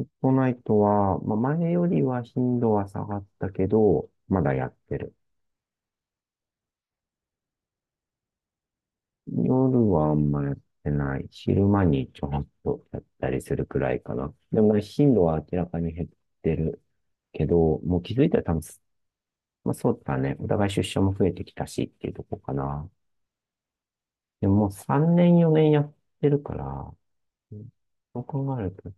フォートナイトは、まあ、前よりは頻度は下がったけど、まだやってる。夜はあんまやってない。昼間にちょっとやったりするくらいかな。でも、頻度は明らかに減ってるけど、もう気づいたら多分、まあ、そうだね。お互い出社も増えてきたしっていうとこかな。でも、もう3年4年やってるから、そう考えると、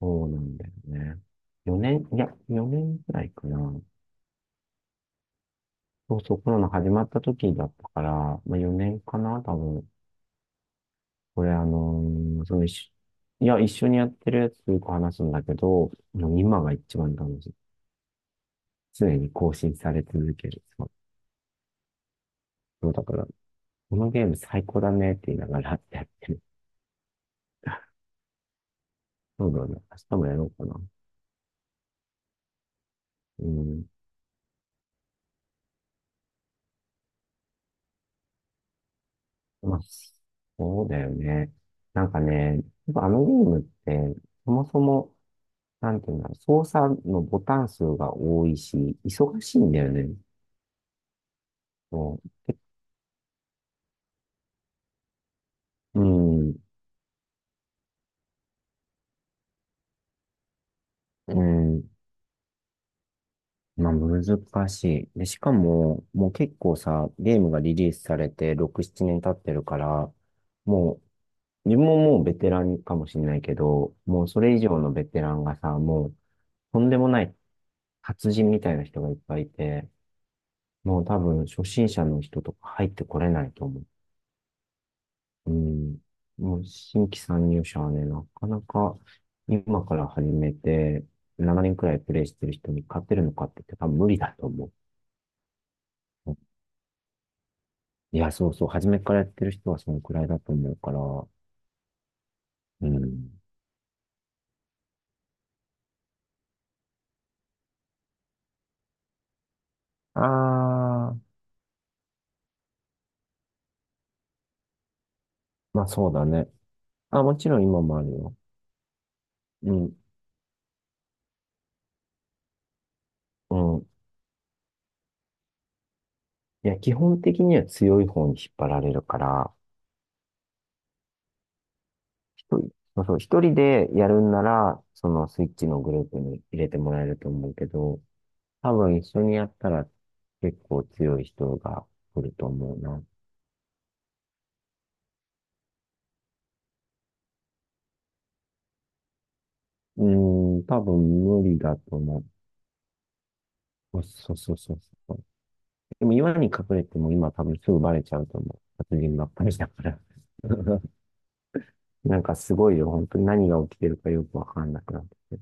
そうなんだよね。4年、いや、4年くらいかな。そうそう、コロナ始まった時だったから、まあ、4年かな、多分。これ、あのーその一緒、いや、一緒にやってるやつとよく話すんだけど、もう今が一番楽しい。常に更新され続ける。そう、そうだから、このゲーム最高だねって言いながらやってる。そうだね。明日もやろうかな。うん。まあ、そうだよね。なんかね、やっぱあのゲームって、そもそも、なんていうんだろう、操作のボタン数が多いし、忙しいんだよね。そううん、うん、まあ難しい。で、しかも、もう結構さ、ゲームがリリースされて6、7年経ってるから、もう、自分ももうベテランかもしれないけど、もうそれ以上のベテランがさ、もう、とんでもない達人みたいな人がいっぱいいて、もう多分初心者の人とか入ってこれないと思う。うん。もう新規参入者はね、なかなか今から始めて、7年くらいプレイしてる人に勝てるのかって言って多分無理だと思う。いや、そうそう。初めからやってる人はそのくらいだと思うから。うん。ああ、まあそうだね。あ、もちろん今もあるよ。うん、うん。いや、基本的には強い方に引っ張られるから、一人、そうそう、一人でやるんなら、そのスイッチのグループに入れてもらえると思うけど、多分一緒にやったら結構強い人が来ると思うな。うーん、多分無理だと思う。そうそうそうそう。でも岩に隠れても今多分すぐバレちゃうと思う。殺人ばっかりだから。なんかすごいよ。本当に何が起きてるかよくわかんなくなってきて。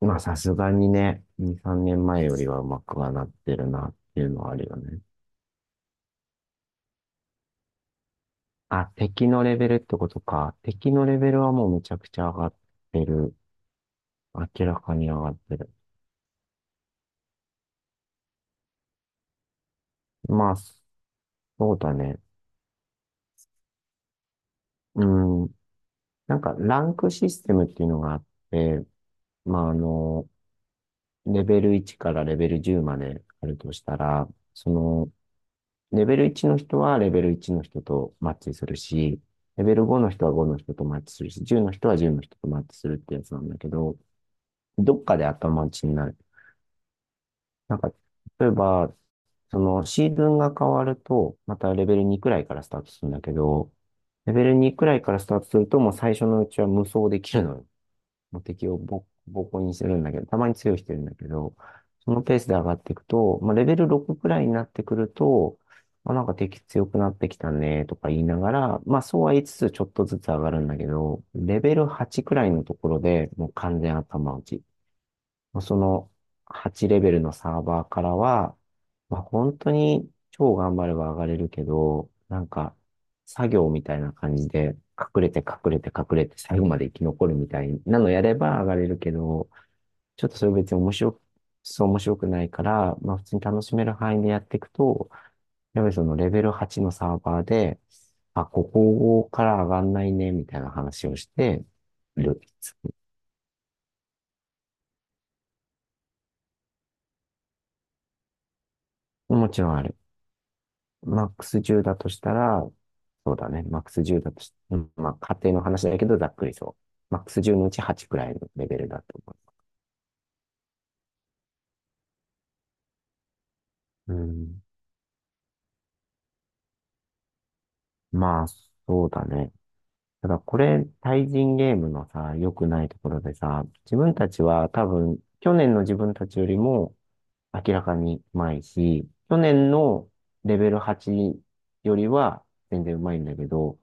まあさすがにね、2、3年前よりはうまくはなってるなっていうのはあるよね。あ、敵のレベルってことか。敵のレベルはもうめちゃくちゃ上がってる。明らかに上がってる。まあ、そうだね。うん。なんかランクシステムっていうのがあって、まあレベル1からレベル10まであるとしたら、その、レベル1の人はレベル1の人とマッチするし、レベル5の人は5の人とマッチするし、10の人は10の人とマッチするってやつなんだけど、どっかで頭打ちになる。なんか、例えば、そのシーズンが変わると、またレベル2くらいからスタートするんだけど、レベル2くらいからスタートすると、もう最初のうちは無双できるのよ。もう敵をボコボコにするんだけど、たまに強いしてるんだけど、そのペースで上がっていくと、まあ、レベル6くらいになってくると、あ、なんか敵強くなってきたねとか言いながら、まあそうは言いつつちょっとずつ上がるんだけど、レベル8くらいのところでもう完全頭打ち。まあその8レベルのサーバーからは、まあ、本当に超頑張れば上がれるけど、なんか作業みたいな感じで隠れて隠れて隠れて最後まで生き残るみたいなのやれば上がれるけど、ちょっとそれ別に面白く、そう面白くないから、まあ普通に楽しめる範囲でやっていくと、やっぱりそのレベル8のサーバーで、あ、ここから上がんないね、みたいな話をしてる。もちろんある。マックス10だとしたら、そうだね。マックス10だとし、うんまあ、家庭の話だけど、ざっくりそう。マックス10のうち8くらいのレベルだと思う。うん。まあ、そうだね。ただ、これ、対人ゲームのさ、良くないところでさ、自分たちは多分、去年の自分たちよりも明らかにうまいし、去年のレベル8よりは全然うまいんだけど、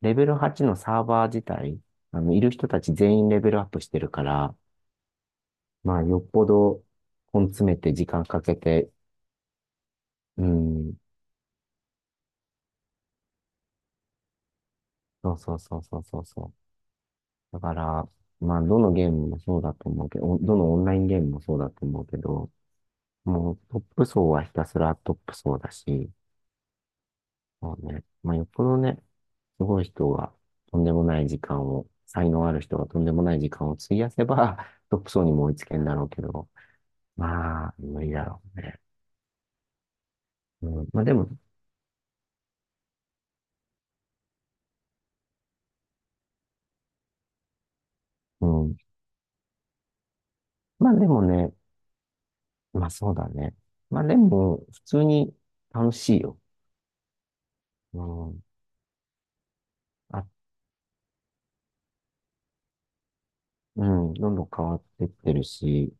レベル8のサーバー自体、いる人たち全員レベルアップしてるから、まあ、よっぽど根詰めて時間かけて、うん、そうそうそうそうそうそう。だから、まあ、どのゲームもそうだと思うけど、どのオンラインゲームもそうだと思うけど、もうトップ層はひたすらトップ層だし、そうね。まあ、よっぽどね、すごい人がとんでもない時間を、才能ある人がとんでもない時間を費やせば、トップ層にも追いつけんだろうけど、まあ、無理だろうね。うん、まあでも、うん、まあでもね、まあそうだね。まあでも、普通に楽しいよ。うん。あ、うん、どんどん変わってってるし、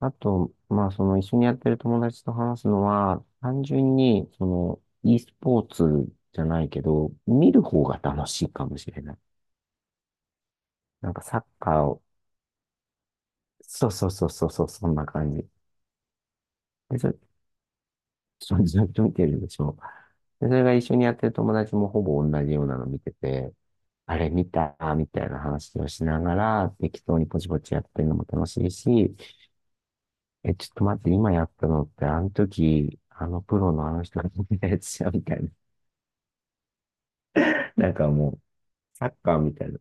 あと、まあその一緒にやってる友達と話すのは、単純に、その、e スポーツじゃないけど、見る方が楽しいかもしれない。なんかサッカーを、そうそうそうそうそう、そんな感じ。で、そ そずっと見てるでしょ。で、それが一緒にやってる友達もほぼ同じようなの見てて、あれ見たみたいな話をしながら、適当にポチポチやってるのも楽しいし、え、ちょっと待って、今やったのって、あの時、あのプロのあの人が見たやつじゃんみたいな。なんかもう、サッカーみたいな。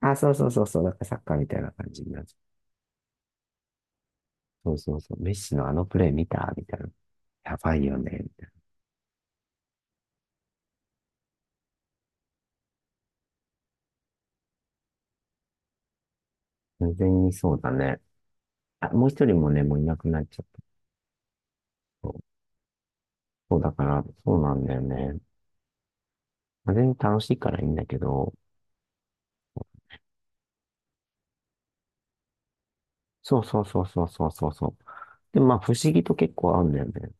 あ、そうそうそうそう、なんかサッカーみたいな感じになっちゃう。そうそうそう、メッシのあのプレー見たみたいな。やばいよね。みたいな全然そうだね。あ、もう一人もね、もういなくなっちゃった。そうだから、そうなんだよね。全然楽しいからいいんだけど、そうそうそうそうそうそうそう。でまあ不思議と結構合うんだよね。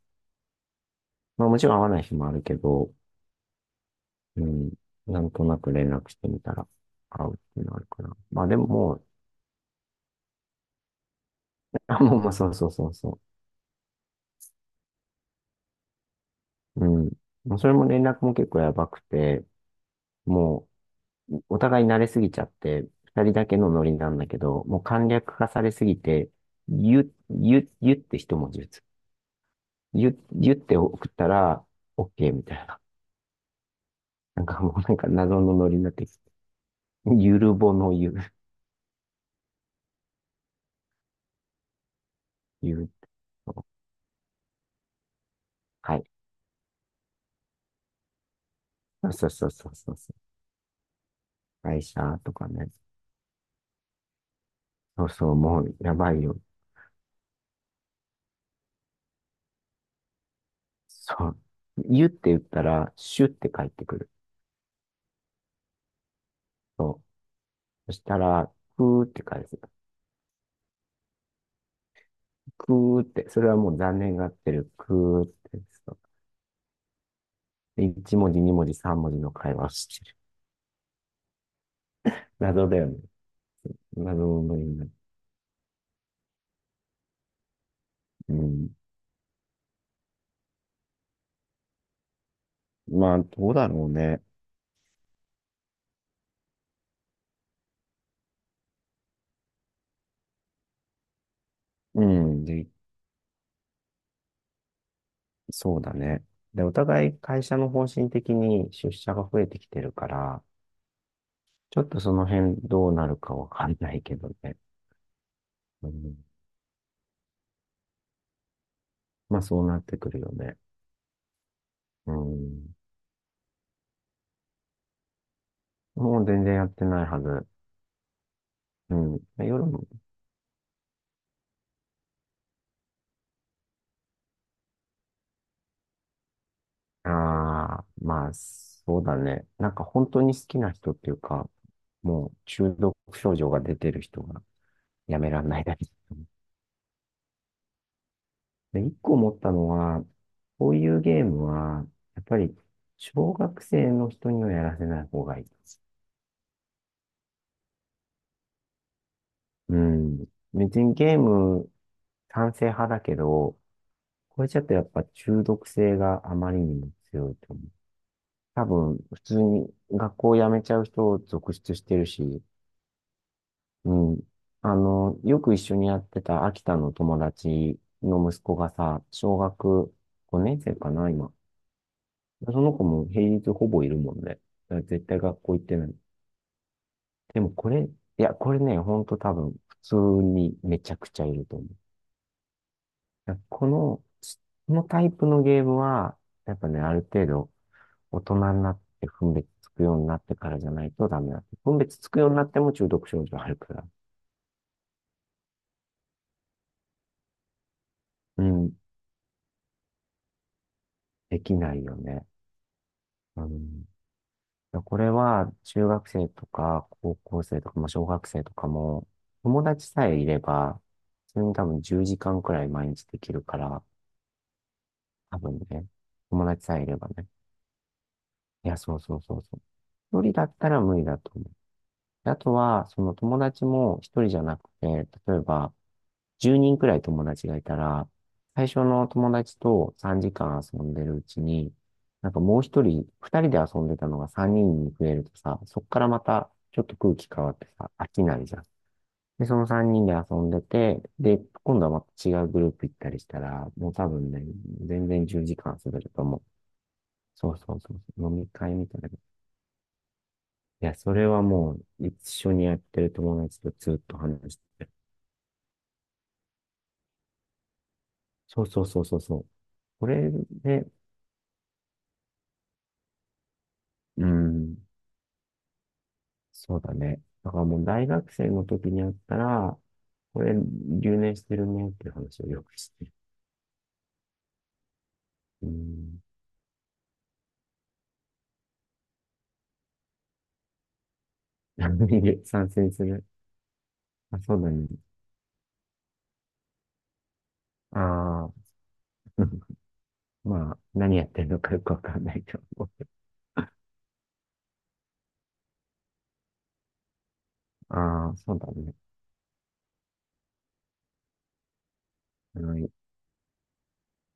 まあもちろん合わない日もあるけど、うん、なんとなく連絡してみたら合うっていうのあるから。まあでももう、あ、もうまあそうそうそうそう。うん。もうそれも連絡も結構やばくて、もうお互い慣れすぎちゃって、二人だけのノリなんだけど、もう簡略化されすぎて、ゆ、ゆ、ゆって一文字打つ。ゆ、ゆって送ったら、OK みたいな。なんかもうなんか謎のノリになってきて ゆるぼのゆ、ゆるはい。そうそうそうそうそう。会社とかね。そうそう、もうやばいよ。そう。ゆって言ったら、シュって返ってくる。そう。そしたら、くーって返す。くーって、それはもう残念がってる。くーって。そうで一文字、二文字、三文字の会話をしてる。謎だよね。謎のような。うん。まあ、どうだろうね。うん。で、そうだね。で、お互い会社の方針的に出社が増えてきてるから、ちょっとその辺どうなるかわかんないけどね。うん、まあそうなってくるよね。うん、もう全然やってないはず。うん、夜も、ああ、まあそうだね。なんか本当に好きな人っていうか、もう中毒症状が出てる人がやめらんないだけ。で、一個思ったのは、こういうゲームは、やっぱり、小学生の人にはやらせない方がいい。うん。別にゲーム、賛成派だけど、これちょっとやっぱ中毒性があまりにも強いと思う。多分、普通に学校を辞めちゃう人を続出してるし、うん。よく一緒にやってた秋田の友達の息子がさ、小学5年生かな、今。その子も平日ほぼいるもんね。だから絶対学校行ってない。でもこれ、いや、これね、ほんと多分、普通にめちゃくちゃいると思う。だからこの、このタイプのゲームは、やっぱね、ある程度、大人になって分別つくようになってからじゃないとダメだって。分別つくようになっても中毒症状あるから。うん、できないよね。うん。これは中学生とか高校生とか、まあ、小学生とかも友達さえいれば、それに多分10時間くらい毎日できるから、多分ね、友達さえいればね。いや、そうそうそうそう。一人だったら無理だと思う。であとは、その友達も一人じゃなくて、例えば10人くらい友達がいたら、最初の友達と3時間遊んでるうちに、なんかもう一人、二人で遊んでたのが3人に増えるとさ、そっからまたちょっと空気変わってさ、飽きないじゃん。で、その3人で遊んでて、で、今度はまた違うグループ行ったりしたら、もう多分ね、全然10時間遊べると思う。そうそうそうそう。飲み会みたいないや、それはもう、一緒にやってる友達とずっと話してる。そうそうそうそうそう。これで、うん、そうだね。だからもう大学生の時にやったら、これ留年してるねっていう話をよくしてる。うん。賛成する。あ、そうだね。ああ、まあ、何やってるのかよくわかんないと思う。ああ、そうだね。あの。